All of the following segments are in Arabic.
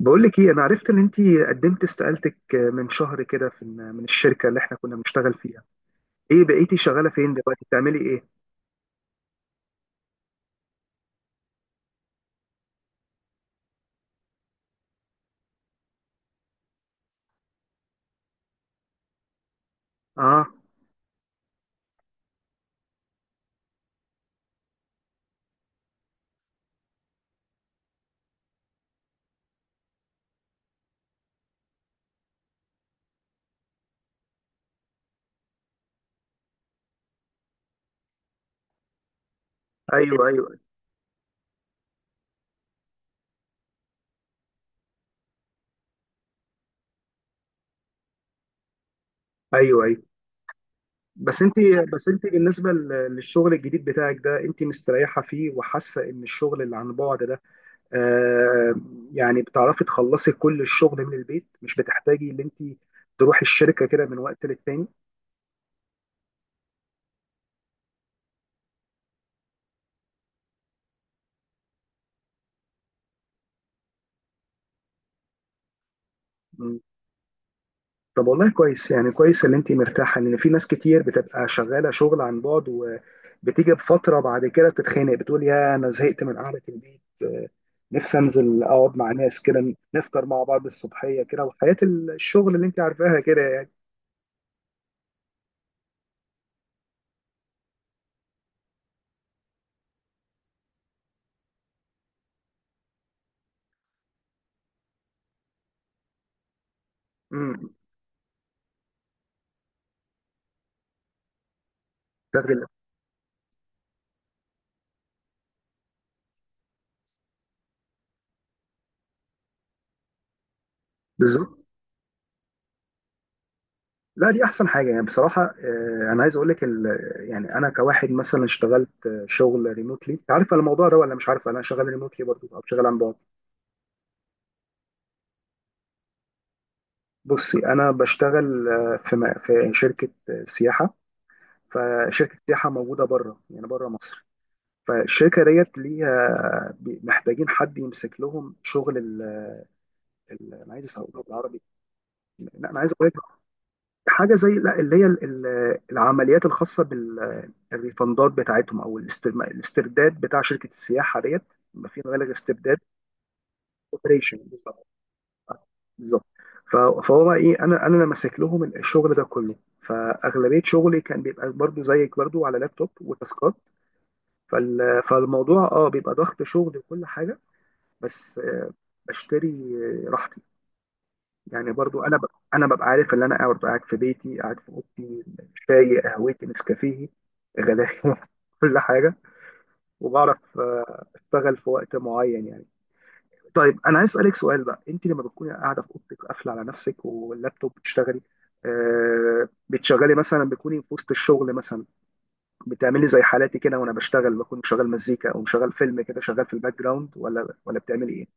بقول لك ايه؟ انا عرفت ان انت قدمت استقالتك من شهر كده من الشركه اللي احنا كنا بنشتغل فيها. ايه بقيتي شغاله فين دلوقتي؟ بتعملي ايه؟ اه. ايوه، ايوه، ايوه، ايوه. بس انت بس انت بالنسبه للشغل الجديد بتاعك ده، انت مستريحه فيه وحاسه ان الشغل اللي عن بعد ده، آه يعني بتعرفي تخلصي كل الشغل من البيت، مش بتحتاجي ان انت تروحي الشركه كده من وقت للتاني؟ طب والله كويس، يعني كويس ان انت مرتاحه، لان في ناس كتير بتبقى شغاله شغل عن بعد وبتيجي بفتره بعد كده بتتخانق، بتقول يا انا زهقت من قعده البيت، نفسي انزل اقعد مع ناس كده، نفطر مع بعض الصبحيه كده، وحياه الشغل اللي انت عارفاها كده يعني. امم تغل- بالظبط. لا، دي احسن حاجه، يعني بصراحه. انا عايز اقول لك يعني انا كواحد مثلا اشتغلت شغل ريموتلي، عارفه الموضوع ده ولا مش عارفه؟ انا شغال ريموتلي برضو او شغال عن بعد. بصي، انا بشتغل في شركه سياحه، فشركه سياحه موجوده بره، يعني بره مصر. فالشركه ديت ليها محتاجين حد يمسك لهم شغل انا عايز اسوقه بالعربي. لا، انا عايز اقول لك حاجه زي، لا اللي هي العمليات الخاصه بالريفندات بتاعتهم، او الاسترداد بتاع شركه السياحه ديت، ما في مبالغ استرداد. اوبريشن بالظبط، بالظبط. ف- فهو بقى ايه، انا اللي ماسك لهم الشغل ده كله، فاغلبيه شغلي كان بيبقى برضو زيك، برضو على لابتوب وتاسكات. فالموضوع بيبقى ضغط شغل وكل حاجه، بس بشتري راحتي يعني. برضو انا انا ببقى عارف ان انا قاعد، ببقى قاعد في بيتي، قاعد في اوضتي، شاي قهوتي نسكافيه غدايا كل حاجه، وبعرف اشتغل في وقت معين يعني. طيب، انا عايز اسالك سؤال بقى، انت لما بتكوني قاعده في اوضتك قافله على نفسك واللابتوب بتشتغلي، بتشغلي مثلا، بتكوني في وسط الشغل مثلا، بتعمل لي زي حالاتي كده وانا بشتغل بكون مشغل مزيكا او مشغل فيلم كده شغال في الباك جراوند، ولا بتعملي ايه؟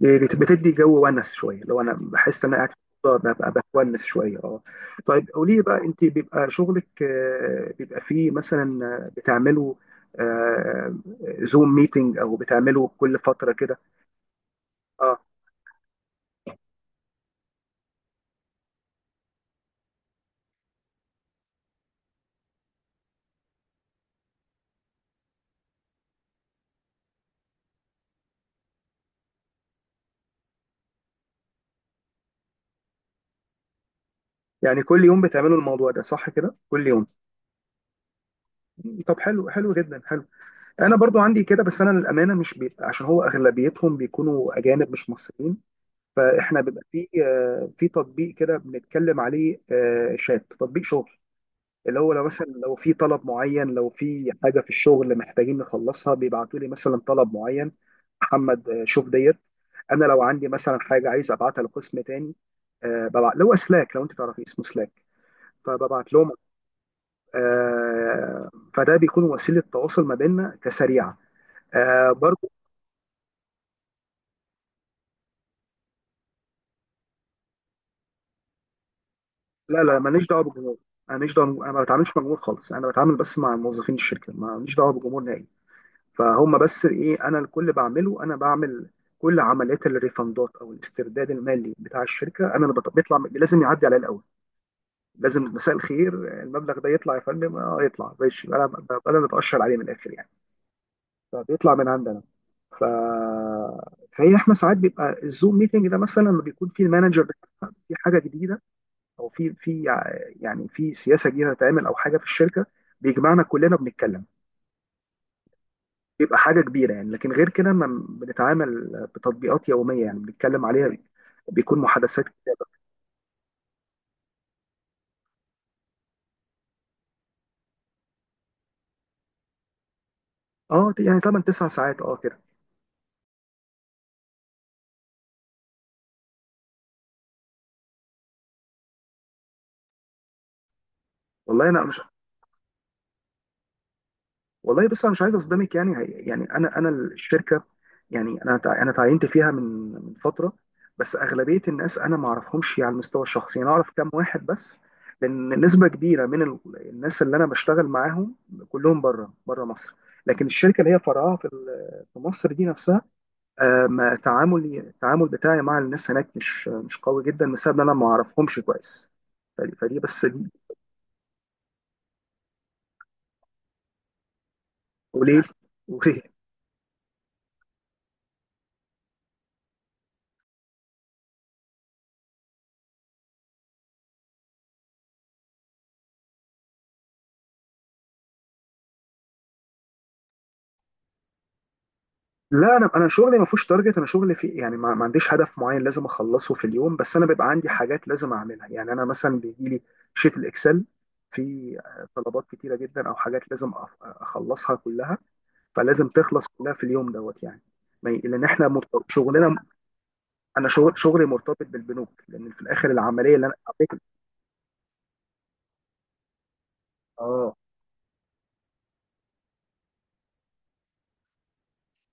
يعني بتدي جو ونس شويه؟ لو انا بحس ان انا قاعد في الأوضة ببقى بتونس شويه، اه. طيب قولي لي بقى، انت بيبقى شغلك بيبقى فيه مثلا، بتعملوا آه، زوم ميتنج، او بتعملوا كل فتره كده؟ اه، يعني كل يوم بتعملوا الموضوع ده صح كده؟ كل يوم. طب حلو، حلو جدا، حلو. انا برضو عندي كده، بس انا للامانه مش بيبقى، عشان هو اغلبيتهم بيكونوا اجانب مش مصريين. فاحنا بيبقى في تطبيق كده بنتكلم عليه، شات تطبيق شغل، اللي هو لو مثلا لو في طلب معين، لو في حاجه في الشغل محتاجين نخلصها بيبعتوا لي مثلا طلب معين، محمد شوف ديت. انا لو عندي مثلا حاجه عايز ابعتها لقسم تاني، ببعت لو سلاك، لو انت تعرفي اسمه سلاك، فببعت لهم. آه، فده بيكون وسيله تواصل ما بيننا كسريعه، برضو. لا، لا، ماليش دعوه بالجمهور، ماليش دعوه. انا ما بتعاملش مع الجمهور خالص، انا بتعامل بس مع موظفين الشركه، ماليش دعوه بالجمهور نهائي. فهم بس ايه، انا الكل بعمله، انا بعمل كل عمليات الريفندات او الاسترداد المالي بتاع الشركه، انا اللي بيطلع، لازم يعدي عليا الاول، لازم. مساء الخير، المبلغ ده يطلع يا فندم؟ اه يطلع ماشي، انا ببقى انا اللي بتاشر عليه من الاخر يعني، فبيطلع من عندنا. ف فهي احنا ساعات بيبقى الزوم ميتنج ده مثلا لما بيكون في المانجر في حاجه جديده، او في في يعني في سياسه جديده هتتعمل، او حاجه في الشركه، بيجمعنا كلنا، بنتكلم، بيبقى حاجه كبيره يعني. لكن غير كده ما بنتعامل بتطبيقات يوميه يعني، بنتكلم عليها بيكون محادثات كتيرة. اه يعني 8 9 ساعات، كده. والله انا مش والله بس انا مش عايز اصدمك، يعني يعني انا الشركه، يعني انا تعينت فيها من فتره، بس اغلبيه الناس انا ما اعرفهمش على المستوى الشخصي، يعني انا اعرف كام واحد بس، لان نسبه كبيره من الناس اللي انا بشتغل معاهم كلهم بره مصر. لكن الشركه اللي هي فرعها في مصر دي نفسها، ما تعاملي التعامل بتاعي مع الناس هناك مش قوي جدا، بسبب ان انا ما اعرفهمش كويس. فدي بس دي قليل، قليل. لا، انا شغلي ما فيهوش تارجت، انا شغلي في يعني ما عنديش هدف معين لازم اخلصه في اليوم، بس انا بيبقى عندي حاجات لازم اعملها، يعني انا مثلا بيجي لي شيت الاكسل، في طلبات كتيره جدا او حاجات لازم اخلصها كلها، فلازم تخلص كلها في اليوم دوت يعني. ما ي- لان احنا شغلنا، انا شغلي مرتبط بالبنوك، لان في الاخر العمليه اللي انا بعملها. اه،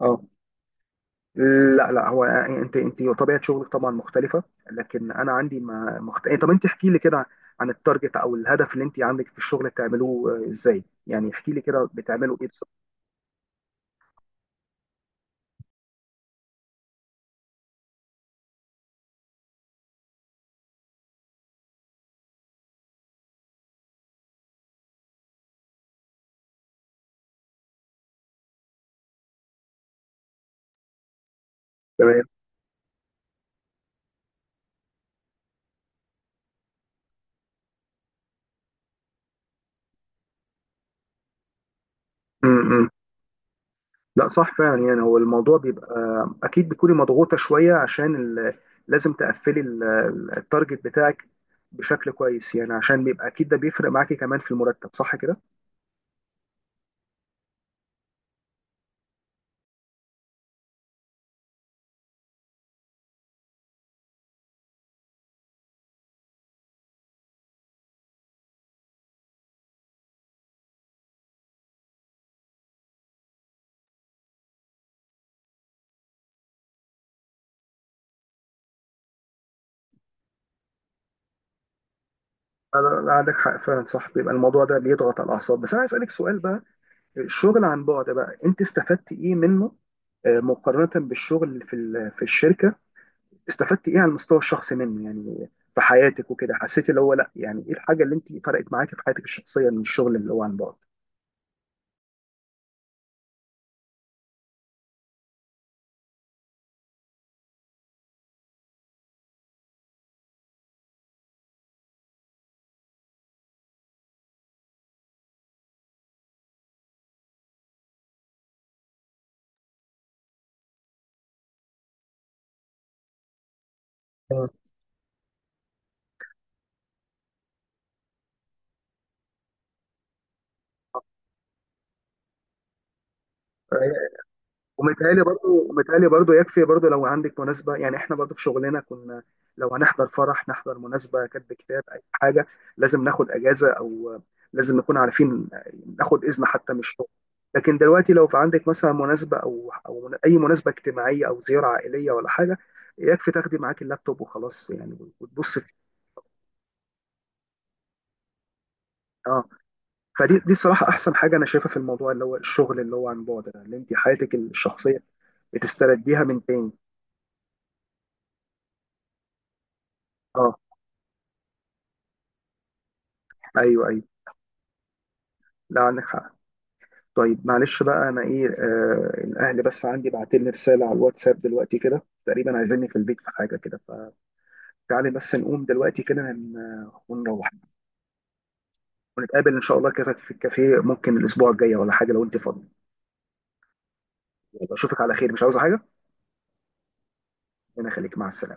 اه. لا، لا، هو يعني انت طبيعه شغلك طبعا مختلفه، لكن انا عندي ما مخت... طب انت احكي لي كده عن التارجت او الهدف اللي انت عندك في الشغل، بتعملوه ازاي يعني، احكي لي كده بتعملوا ايه بالظبط؟ تمام. م- م. لا، صح فعلا. يعني هو الموضوع بيبقى اكيد بتكوني مضغوطه شويه عشان لازم تقفلي التارجت بتاعك بشكل كويس يعني، عشان بيبقى اكيد ده بيفرق معاكي كمان في المرتب، صح كده؟ لا، لا، لا، عندك حق فعلا. صح، بيبقى الموضوع ده بيضغط على الاعصاب. بس انا عايز اسالك سؤال بقى، الشغل عن بعد بقى انت استفدت ايه منه مقارنة بالشغل اللي في الشركة؟ استفدت ايه على المستوى الشخصي منه، يعني في حياتك وكده؟ حسيت اللي هو، لا يعني ايه الحاجة اللي انت فرقت معاكي في حياتك الشخصية من الشغل اللي هو عن بعد؟ آه. ومتهيألي برضو، متهيألي برضو يكفي برضو، لو عندك مناسبة يعني، احنا برضو في شغلنا كنا لو هنحضر فرح، نحضر مناسبة، كتب كتاب، أي حاجة، لازم ناخد أجازة، أو لازم نكون عارفين، ناخد إذن حتى من الشغل. لكن دلوقتي لو في عندك مثلا مناسبة، أو أي مناسبة اجتماعية، أو زيارة عائلية ولا حاجة، يكفي تاخدي معاك اللابتوب وخلاص يعني، وتبص فيه. اه. فدي صراحة أحسن حاجة أنا شايفها في الموضوع، اللي هو الشغل اللي هو عن بعد ده، اللي أنت حياتك الشخصية بتسترديها من تاني. اه. ايوه، ايوه. لا، عندك حق. طيب معلش بقى، انا ايه، الاهل بس عندي بعتلي رساله على الواتساب دلوقتي كده، تقريبا عايزيني في البيت في حاجه كده، فتعالي بس نقوم دلوقتي كده ونروح، ونتقابل ان شاء الله كده في الكافيه، ممكن الاسبوع الجاي ولا حاجه، لو انت فاضي. يلا، اشوفك على خير. مش عاوزه حاجه؟ انا خليك مع السلامه.